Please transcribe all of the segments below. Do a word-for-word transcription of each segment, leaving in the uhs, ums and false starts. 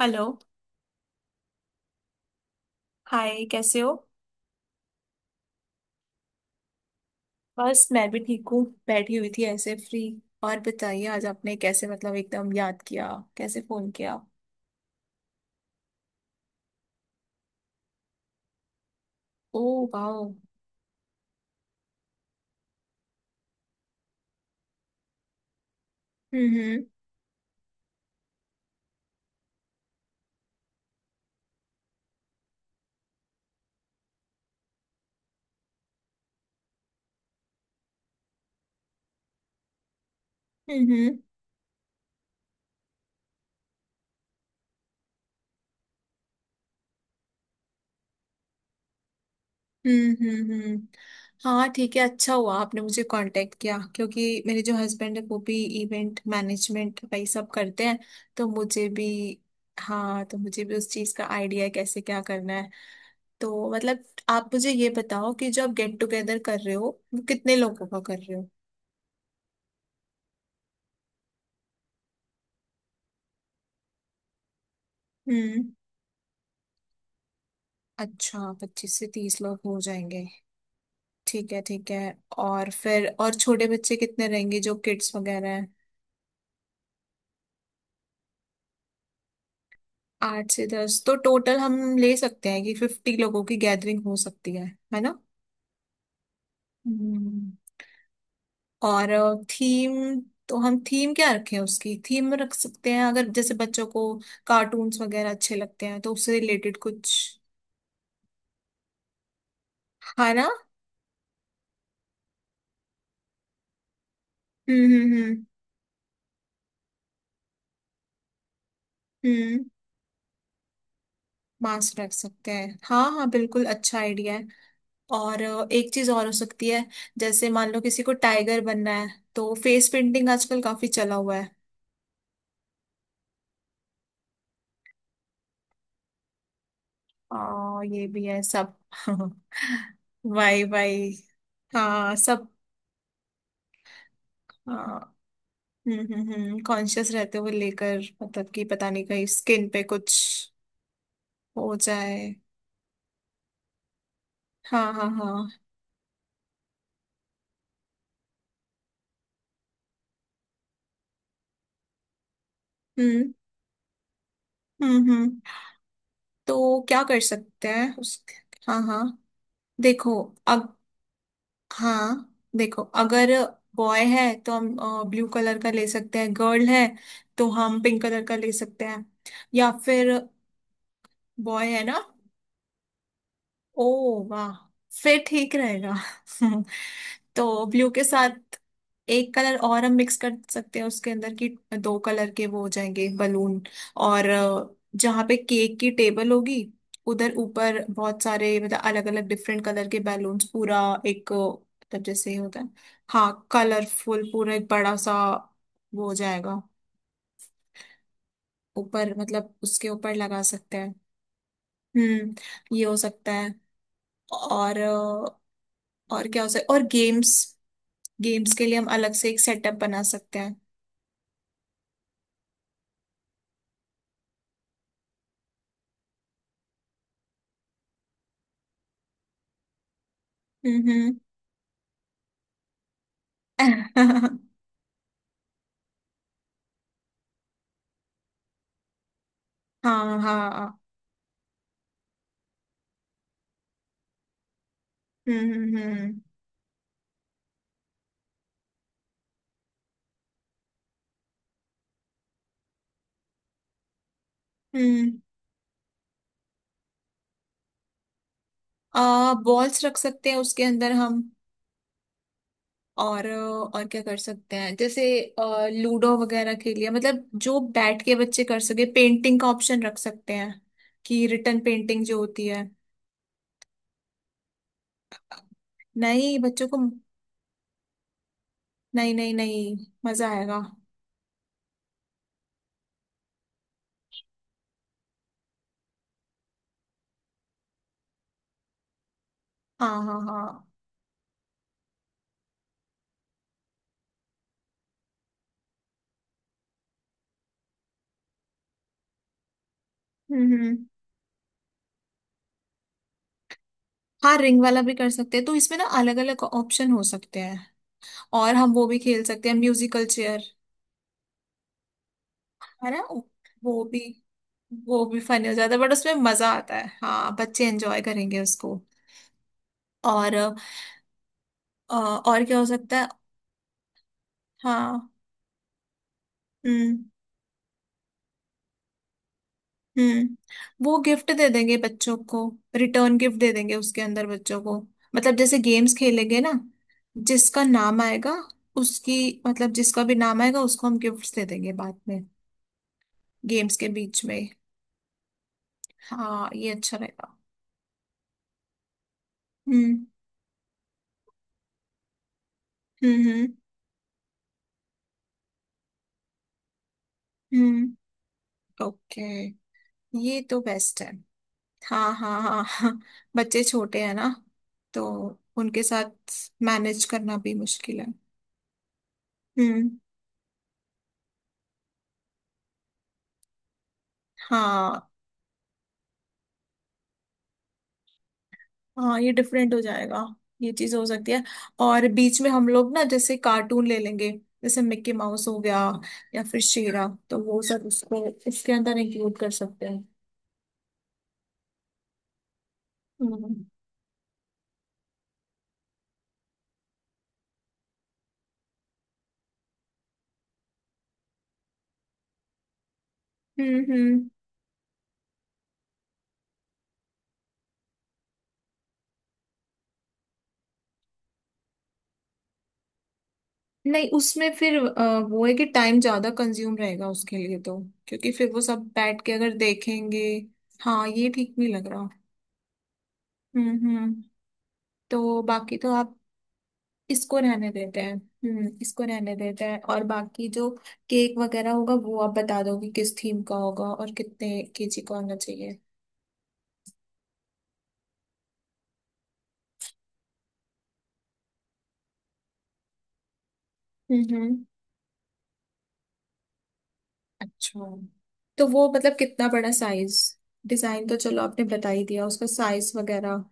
Hello. Hi, कैसे हो? बस मैं भी ठीक हूँ, बैठी हुई थी ऐसे फ्री। और बताइए, आज आपने कैसे, मतलब एकदम याद किया, कैसे फोन किया? ओ, वाह। हम्म, हम्म, हम्म, हम्म, हम्म, हम्म। हाँ, ठीक है। अच्छा हुआ आपने मुझे कांटेक्ट किया, क्योंकि मेरे जो हस्बैंड है वो भी इवेंट मैनेजमेंट वही सब करते हैं। तो मुझे भी हाँ, तो मुझे भी उस चीज़ का आइडिया है कैसे क्या करना है। तो मतलब, आप मुझे ये बताओ कि जो आप गेट टुगेदर कर रहे हो, वो कितने लोगों का कर रहे हो? हम्म। अच्छा, पच्चीस से तीस लोग हो जाएंगे। ठीक है, ठीक है। और फिर, और छोटे बच्चे कितने रहेंगे जो किड्स वगैरह हैं? आठ से दस, तो टोटल हम ले सकते हैं कि फिफ्टी लोगों की गैदरिंग हो सकती है है ना। हम्म। और थीम, तो हम थीम क्या रखें? उसकी थीम रख सकते हैं, अगर जैसे बच्चों को कार्टून्स वगैरह अच्छे लगते हैं तो उससे रिलेटेड कुछ, है ना। हम्म, हम्म, हम्म, हम्म। मास्क रख सकते हैं, हाँ हाँ, बिल्कुल अच्छा आइडिया है। और अ, एक चीज और हो सकती है। जैसे मान लो किसी को टाइगर बनना है, तो फेस पेंटिंग आजकल काफी चला हुआ है। आ, ये भी है सब। वाई वाई हाँ, सब। हाँ। हम्म, हम्म, हम्म। कॉन्शियस रहते हुए, लेकर मतलब कि पता नहीं कहीं स्किन पे कुछ हो जाए। हाँ हाँ हाँ। हम्म, हम्म, हम्म। तो क्या कर सकते हैं उस। हाँ हाँ, देखो। अब, हाँ देखो, अगर बॉय है तो हम ब्लू कलर का ले सकते हैं, गर्ल है तो हम पिंक कलर का ले सकते हैं, या फिर। बॉय है ना। ओ, वाह। फिर ठीक रहेगा। तो ब्लू के साथ एक कलर और हम मिक्स कर सकते हैं उसके अंदर की, दो कलर के वो हो जाएंगे बलून। और अ, जहाँ पे केक की टेबल होगी, उधर ऊपर बहुत सारे, मतलब अलग अलग डिफरेंट कलर के बैलून्स पूरा, एक, अ, मतलब जैसे होता है। हाँ, कलरफुल पूरा एक बड़ा सा वो हो जाएगा ऊपर, मतलब उसके ऊपर लगा सकते हैं। हम्म, ये हो सकता है। और अ, और क्या हो सकता है? और गेम्स। गेम्स के लिए हम अलग से एक सेटअप बना सकते हैं। हम्म, हम्म। हाँ हाँ। हम्म, हम्म, हम्म, हम्म। आ बॉल्स रख सकते हैं उसके अंदर हम। और अ, और क्या कर सकते हैं? जैसे लूडो वगैरह खेल लिया, मतलब जो बैठ के बच्चे कर सके, पेंटिंग का ऑप्शन रख सकते हैं कि रिटर्न पेंटिंग जो होती है। नहीं, बच्चों को। नहीं नहीं नहीं। मजा आएगा। हाँ हाँ हाँ। हम्म, हम्म। हाँ, रिंग वाला भी कर सकते हैं, तो इसमें ना अलग अलग ऑप्शन हो सकते हैं। और हम वो भी खेल सकते हैं, म्यूजिकल चेयर। है ना। वो भी वो भी फनी हो जाता है, बट उसमें मजा आता है। हाँ, बच्चे एंजॉय करेंगे उसको। और अ, और क्या हो सकता है? हाँ। हम्म, हम्म। वो गिफ्ट दे देंगे बच्चों को, रिटर्न गिफ्ट दे देंगे उसके अंदर बच्चों को, मतलब जैसे गेम्स खेलेंगे ना, जिसका नाम आएगा उसकी, मतलब जिसका भी नाम आएगा उसको हम गिफ्ट्स दे देंगे बाद में, गेम्स के बीच में। हाँ, ये अच्छा रहेगा। हम्म, हम्म, हम्म, हम्म। ओके, ये तो बेस्ट है। हाँ हाँ हाँ हाँ। बच्चे छोटे हैं ना, तो उनके साथ मैनेज करना भी मुश्किल है। हम्म। हाँ हाँ, ये डिफरेंट हो जाएगा, ये चीज हो सकती है। और बीच में हम लोग ना जैसे कार्टून ले लेंगे, जैसे मिक्की माउस हो गया या फिर शेरा, तो वो सब उसको इसके अंदर इंक्लूड कर सकते हैं। हम्म, हम्म, हम्म। नहीं, उसमें फिर अ, वो है कि टाइम ज्यादा कंज्यूम रहेगा उसके लिए तो, क्योंकि फिर वो सब बैठ के अगर देखेंगे। हाँ, ये ठीक नहीं लग रहा। हम्म, हम्म। तो बाकी तो आप, इसको रहने देते हैं, हम्म, इसको रहने देते हैं, और बाकी जो केक वगैरह होगा, वो आप बता दोगे किस थीम का होगा और कितने केजी का होना चाहिए। हम्म, हम्म। अच्छा, तो वो मतलब कितना बड़ा साइज, डिजाइन तो चलो आपने बता ही दिया, उसका साइज वगैरह।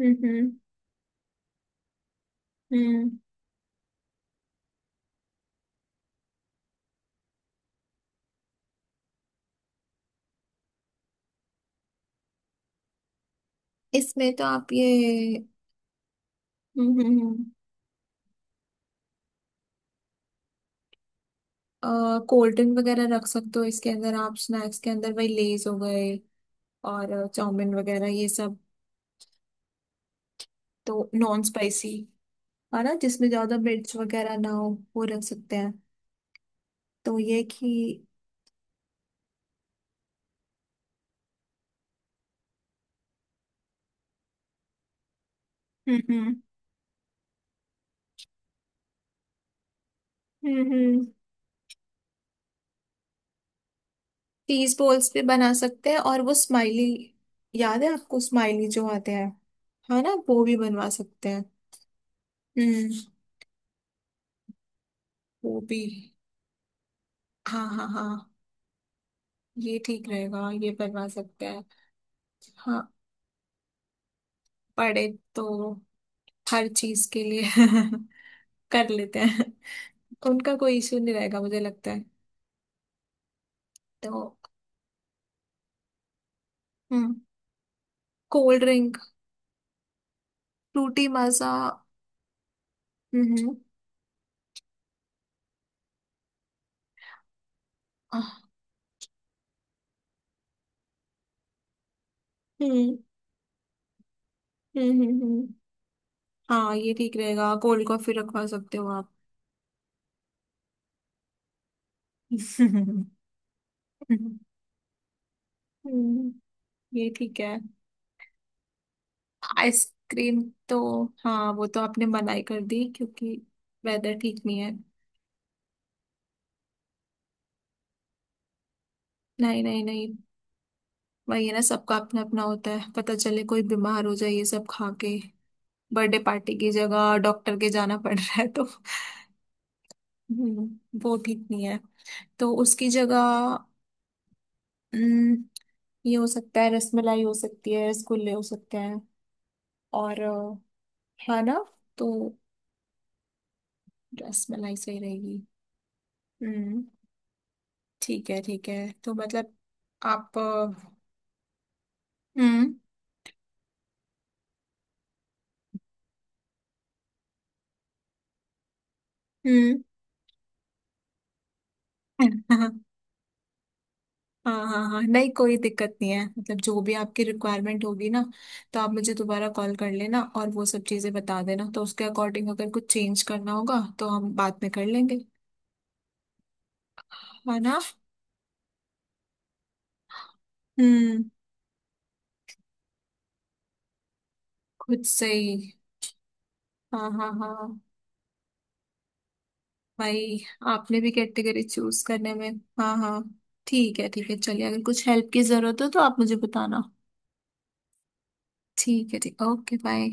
हम्म, हम्म, हम्म। इसमें तो आप ये। हम्म, हम्म, हम्म, अ, कोल्ड ड्रिंक वगैरह रख सकते हो इसके अंदर आप, स्नैक्स के अंदर वही लेज हो गए और चाउमिन वगैरह ये सब, तो नॉन स्पाइसी, है ना, जिसमें ज्यादा मिर्च वगैरह ना हो, वो रख सकते हैं। तो ये कि। हम्म, हम्म। चीज बॉल्स भी बना सकते हैं और वो स्माइली, याद है आपको स्माइली जो आते हैं, है ना, वो भी बनवा सकते हैं। हम्म। वो भी, हाँ हाँ हाँ, ये ठीक रहेगा, ये बनवा सकते हैं। हाँ, पड़े, तो हर चीज के लिए। कर लेते हैं, उनका कोई इश्यू नहीं रहेगा मुझे लगता है तो। हम्म। Cold drink, Frooti Maaza. हम्म। आह। हम्म, हम्म, हम्म, हम्म। हाँ, ये ठीक रहेगा, कोल्ड कॉफी रखवा सकते हो आप। हम्म, ये ठीक है। आइसक्रीम तो, हाँ, वो तो आपने मनाही कर दी, क्योंकि वेदर ठीक नहीं है। नहीं नहीं नहीं, वही है ना, सबका अपना अपना होता है, पता चले कोई बीमार हो जाए ये सब खा के। बर्थडे पार्टी की जगह डॉक्टर के जाना पड़ रहा है तो। हम्म, वो ठीक नहीं है। तो उसकी जगह। हम्म, ये हो सकता है, रसमलाई हो सकती है, रसगुल्ले हो सकते हैं। और अ, है ना, तो रसमलाई सही रहेगी। हम्म। ठीक है, ठीक है, तो मतलब आप अ, हम्म, हम्म। हाँ हाँ हाँ, नहीं कोई दिक्कत नहीं है, मतलब जो भी आपकी रिक्वायरमेंट होगी ना, तो आप मुझे दोबारा कॉल कर लेना और वो सब चीज़ें बता देना, तो उसके अकॉर्डिंग अगर कुछ चेंज करना होगा तो हम बाद में कर लेंगे। है ना। हम्म। खुद से ही। हाँ हाँ हाँ। भाई, आपने भी कैटेगरी चूज करने में। हाँ हाँ, ठीक है, ठीक है, चलिए, अगर कुछ हेल्प की जरूरत हो तो आप मुझे बताना। ठीक है, ठीक, ओके, बाय।